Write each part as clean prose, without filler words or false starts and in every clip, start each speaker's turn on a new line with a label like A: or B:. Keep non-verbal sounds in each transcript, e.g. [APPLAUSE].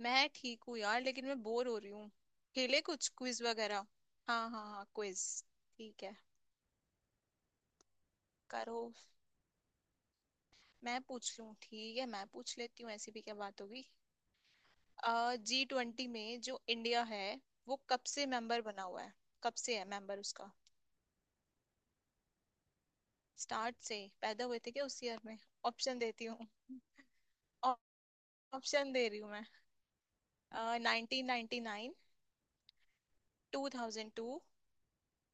A: मैं ठीक हूँ यार, लेकिन मैं बोर हो रही हूँ। खेले कुछ क्विज वगैरह। हाँ हाँ हाँ, क्विज। ठीक है, करो। मैं पूछ लूँ, ठीक है मैं पूछ लेती हूँ, ऐसी भी क्या बात होगी। जी ट्वेंटी में जो इंडिया है वो कब से मेंबर बना हुआ है। कब से है मेंबर उसका। स्टार्ट से पैदा हुए थे क्या उस ईयर में। ऑप्शन देती हूँ। ऑप्शन दे रही हूँ मैं। 1999। 2002।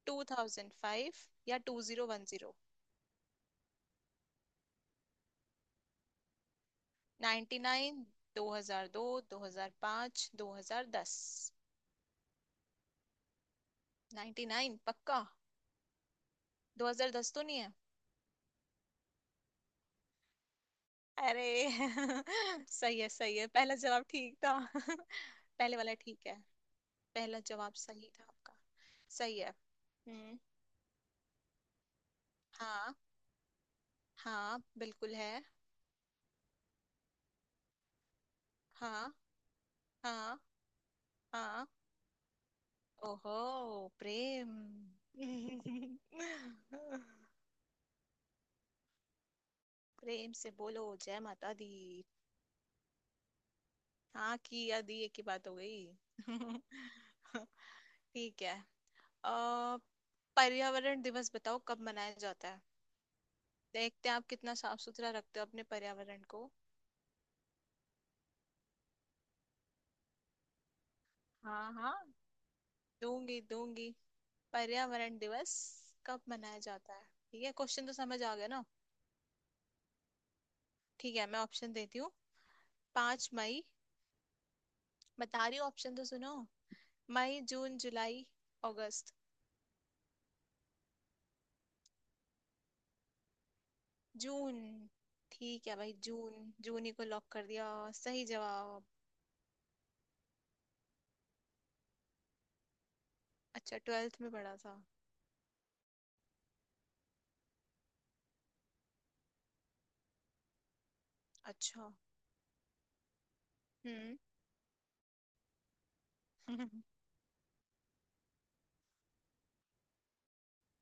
A: 2005। या 2010। 1999। 2002। 2005, 2010। 1999 पक्का। 2010 तो नहीं है। अरे [LAUGHS] सही है सही है, पहला जवाब ठीक था। [LAUGHS] पहले वाला ठीक है। पहला जवाब सही था आपका। सही है। हम्म। हाँ। हाँ बिल्कुल है। हाँ। हाँ। हाँ। ओहो। प्रेम। [LAUGHS] प्रेम से बोलो जय माता दी। हाँ, की या दी एक ही बात हो गई। [LAUGHS] ठीक है। अ, पर्यावरण दिवस बताओ कब मनाया जाता है। देखते हैं आप कितना साफ सुथरा रखते हो अपने पर्यावरण को। हाँ हाँ। दूंगी दूंगी। पर्यावरण दिवस कब मनाया जाता है। ठीक है, क्वेश्चन तो समझ आ गया ना। ठीक है मैं ऑप्शन देती हूँ। 5 मई। बता रही हूँ, ऑप्शन तो सुनो। मई, जून, जुलाई, अगस्त। जून। ठीक है भाई, जून जून ही को लॉक कर दिया। सही जवाब। अच्छा, ट्वेल्थ में पढ़ा था। अच्छा। हम्म। [LAUGHS]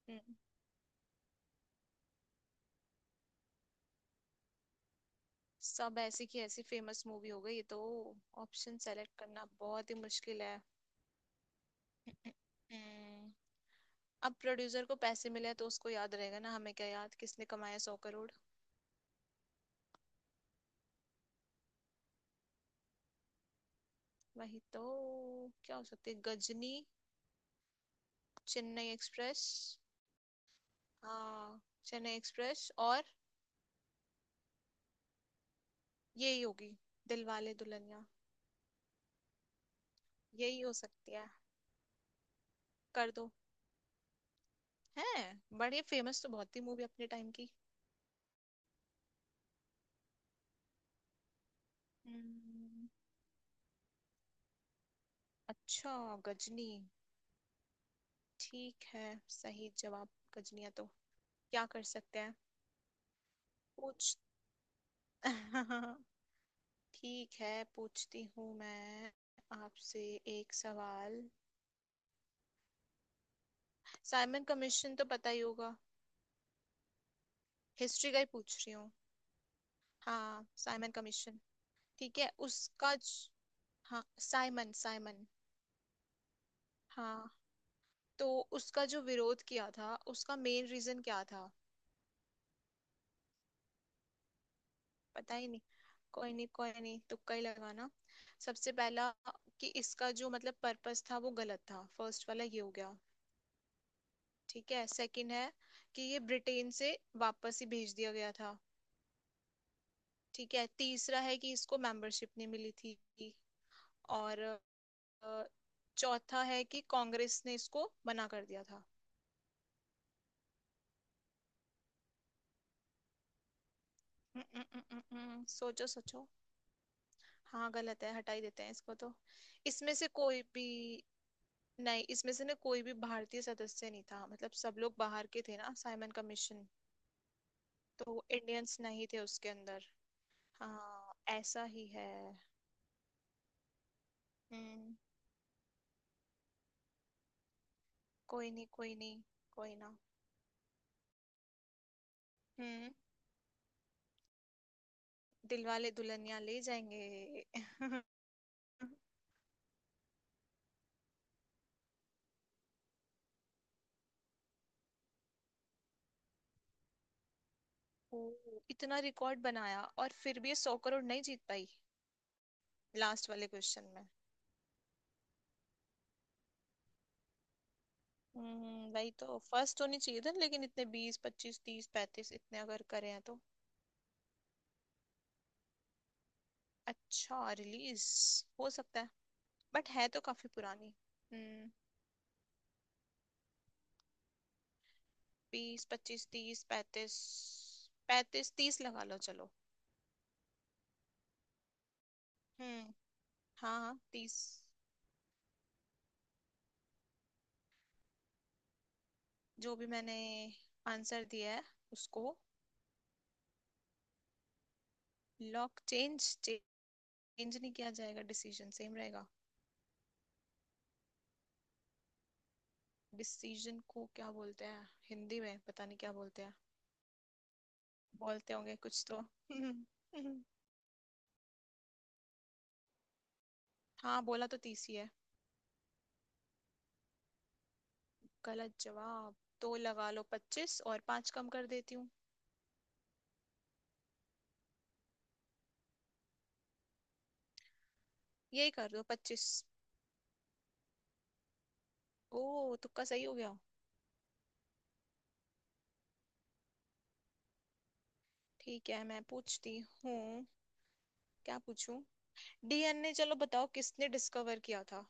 A: हम्म। सब ऐसी की ऐसी फेमस मूवी हो गई ये तो। ऑप्शन सेलेक्ट करना बहुत ही मुश्किल है। हम्म, अब प्रोड्यूसर को पैसे मिले हैं तो उसको याद रहेगा ना, हमें क्या याद किसने कमाया 100 करोड़। वही तो। क्या हो सकती है, गजनी। चेन्नई एक्सप्रेस। हाँ। चेन्नई एक्सप्रेस और यही होगी दिलवाले दुल्हनिया। यही हो सकती है। कर दो। है। बड़ी फेमस तो बहुत थी मूवी अपने टाइम की। हम्म। अच्छा, गजनी। ठीक है, सही जवाब। गजनिया तो क्या कर सकते हैं। पूछ। [LAUGHS] ठीक है पूछती हूँ मैं आपसे एक सवाल। साइमन कमीशन तो पता ही होगा। हिस्ट्री का ही पूछ रही हूँ। हाँ साइमन कमीशन। ठीक है उसका हाँ साइमन, साइमन। हाँ, तो उसका जो विरोध किया था उसका मेन रीजन क्या था। पता ही नहीं। कोई नहीं कोई नहीं, तुक्का ही लगाना। सबसे पहला, कि इसका जो मतलब पर्पस था वो गलत था, फर्स्ट वाला ये हो गया। ठीक है, सेकंड है कि ये ब्रिटेन से वापस ही भेज दिया गया था। ठीक है, तीसरा है कि इसको मेंबरशिप नहीं मिली थी। और अ, चौथा है कि कांग्रेस ने इसको मना कर दिया था। हम्म, हम्म, हम्म, हम्म, सोचो सोचो। हाँ गलत है, हटा ही देते हैं इसको तो। इसमें से कोई भी नहीं, इसमें से ना कोई भी भारतीय सदस्य नहीं था, मतलब सब लोग बाहर के थे ना साइमन कमीशन। तो इंडियंस नहीं थे उसके अंदर। हाँ ऐसा ही है। हम्म। कोई नहीं कोई नहीं। कोई ना। हम्म। दिलवाले दुल्हनिया ले जाएंगे। [LAUGHS] ओ। इतना रिकॉर्ड बनाया और फिर भी ये 100 करोड़ नहीं जीत पाई। लास्ट वाले क्वेश्चन में। हम्म, भाई तो फर्स्ट होनी चाहिए था, लेकिन इतने 20, 25, 30, 35 इतने अगर करें तो। अच्छा रिलीज। हो सकता है। बट है तो काफी पुरानी। हम्म। 20, 25, 30, 35। 35, 30 लगा लो चलो। हम्म। हाँ हाँ 30। जो भी मैंने आंसर दिया है उसको लॉक, चेंज चेंज नहीं किया जाएगा, डिसीजन सेम रहेगा। डिसीजन को क्या बोलते हैं हिंदी में, पता नहीं क्या बोलते हैं। बोलते होंगे कुछ तो। [LAUGHS] हाँ, बोला तो 30 ही है। गलत जवाब। तो लगा लो 25, और 5 कम कर देती हूँ। यही कर दो 25। ओ, तुक्का सही हो गया। ठीक है मैं पूछती हूँ, क्या पूछूं। डीएनए, चलो बताओ किसने डिस्कवर किया था।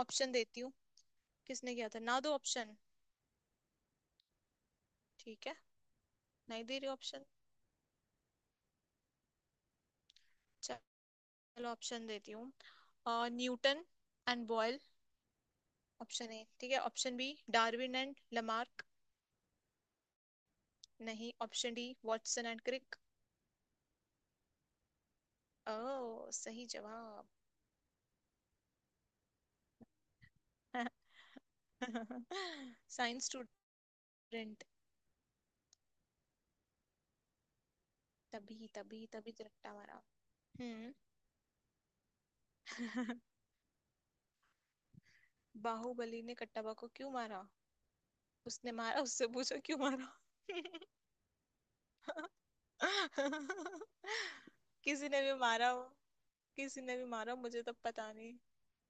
A: ऑप्शन देती हूँ। किसने किया था ना, दो ऑप्शन। ठीक है। नहीं, दे रही ऑप्शन। चलो। ऑप्शन देती हूँ। अ, Newton and Boyle. Option A ठीक है, option B Darwin and Lamarck. नहीं, option D Watson and Crick. ओ सही जवाब। [LAUGHS] Science student. तभी तभी तभी तो रट्टा मारा। हम्म। [LAUGHS] बाहुबली ने कट्टाबा को क्यों मारा। उसने मारा, उससे पूछो क्यों मारा। [LAUGHS] किसी ने भी मारा हो किसी ने भी मारा हो, मुझे तब पता नहीं।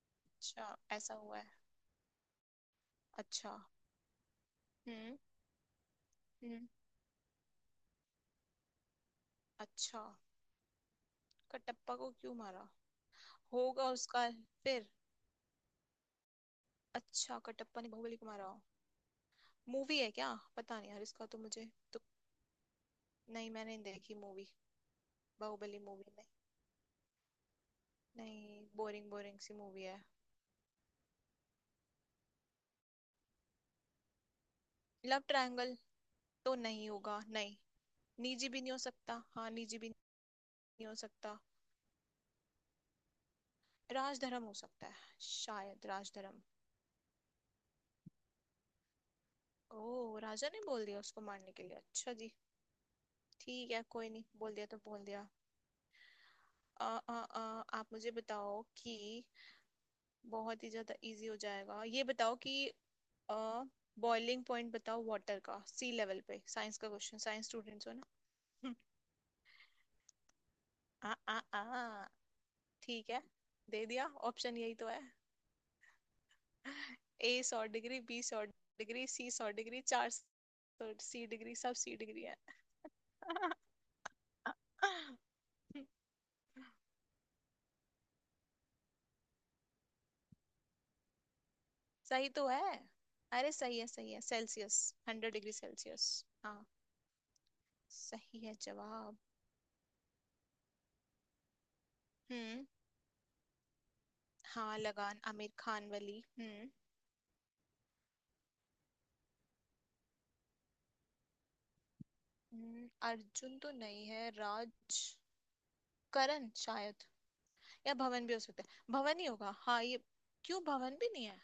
A: अच्छा, ऐसा हुआ है। अच्छा। हम्म। हम्म। अच्छा, कटप्पा को क्यों मारा। होगा उसका। फिर। अच्छा, कटप्पा ने बाहुबली को मारा हो। मूवी है क्या पता नहीं यार, इसका तो मुझे तो। नहीं, मैंने नहीं देखी मूवी। बाहुबली मूवी नहीं। नहीं, बोरिंग बोरिंग सी मूवी है। लव ट्रायंगल तो नहीं होगा नहीं। निजी भी नहीं हो सकता, हाँ निजी भी नहीं हो सकता। राजधर्म हो सकता है, शायद राजधर्म। ओ, राजा ने बोल दिया उसको मारने के लिए, अच्छा जी। ठीक है कोई नहीं, बोल दिया तो बोल दिया। अ, अ, आप मुझे बताओ कि बहुत ही ज्यादा इजी हो जाएगा ये, बताओ कि बॉइलिंग पॉइंट बताओ वाटर का सी लेवल पे, साइंस का क्वेश्चन, साइंस स्टूडेंट्स हो ना। हम्म, आ आ आ ठीक है। दे दिया ऑप्शन, यही तो है। ए 100 डिग्री, बी 100 डिग्री, सी 100 डिग्री, 400 सी डिग्री, सब सी डिग्री है। [LAUGHS] सही तो है। अरे सही है सेल्सियस। 100 degree Celsius. हाँ सही है जवाब। हम्म। हाँ, लगान, आमिर खान वाली। हम्म। अर्जुन तो नहीं है, राज करण शायद, या भवन भी हो सकता है, भवन ही होगा हाँ ये। क्यों, भवन भी नहीं है।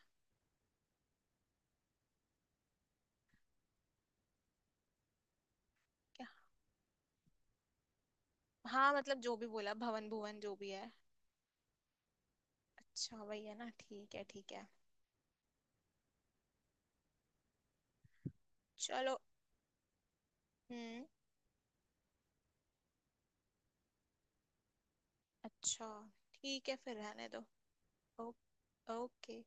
A: क्या। हाँ, मतलब जो भी बोला भवन भुवन जो भी है। अच्छा वही है ना, ठीक है ठीक है। चलो। हम्म। अच्छा। ठीक है, फिर रहने दो। ओ, ओके।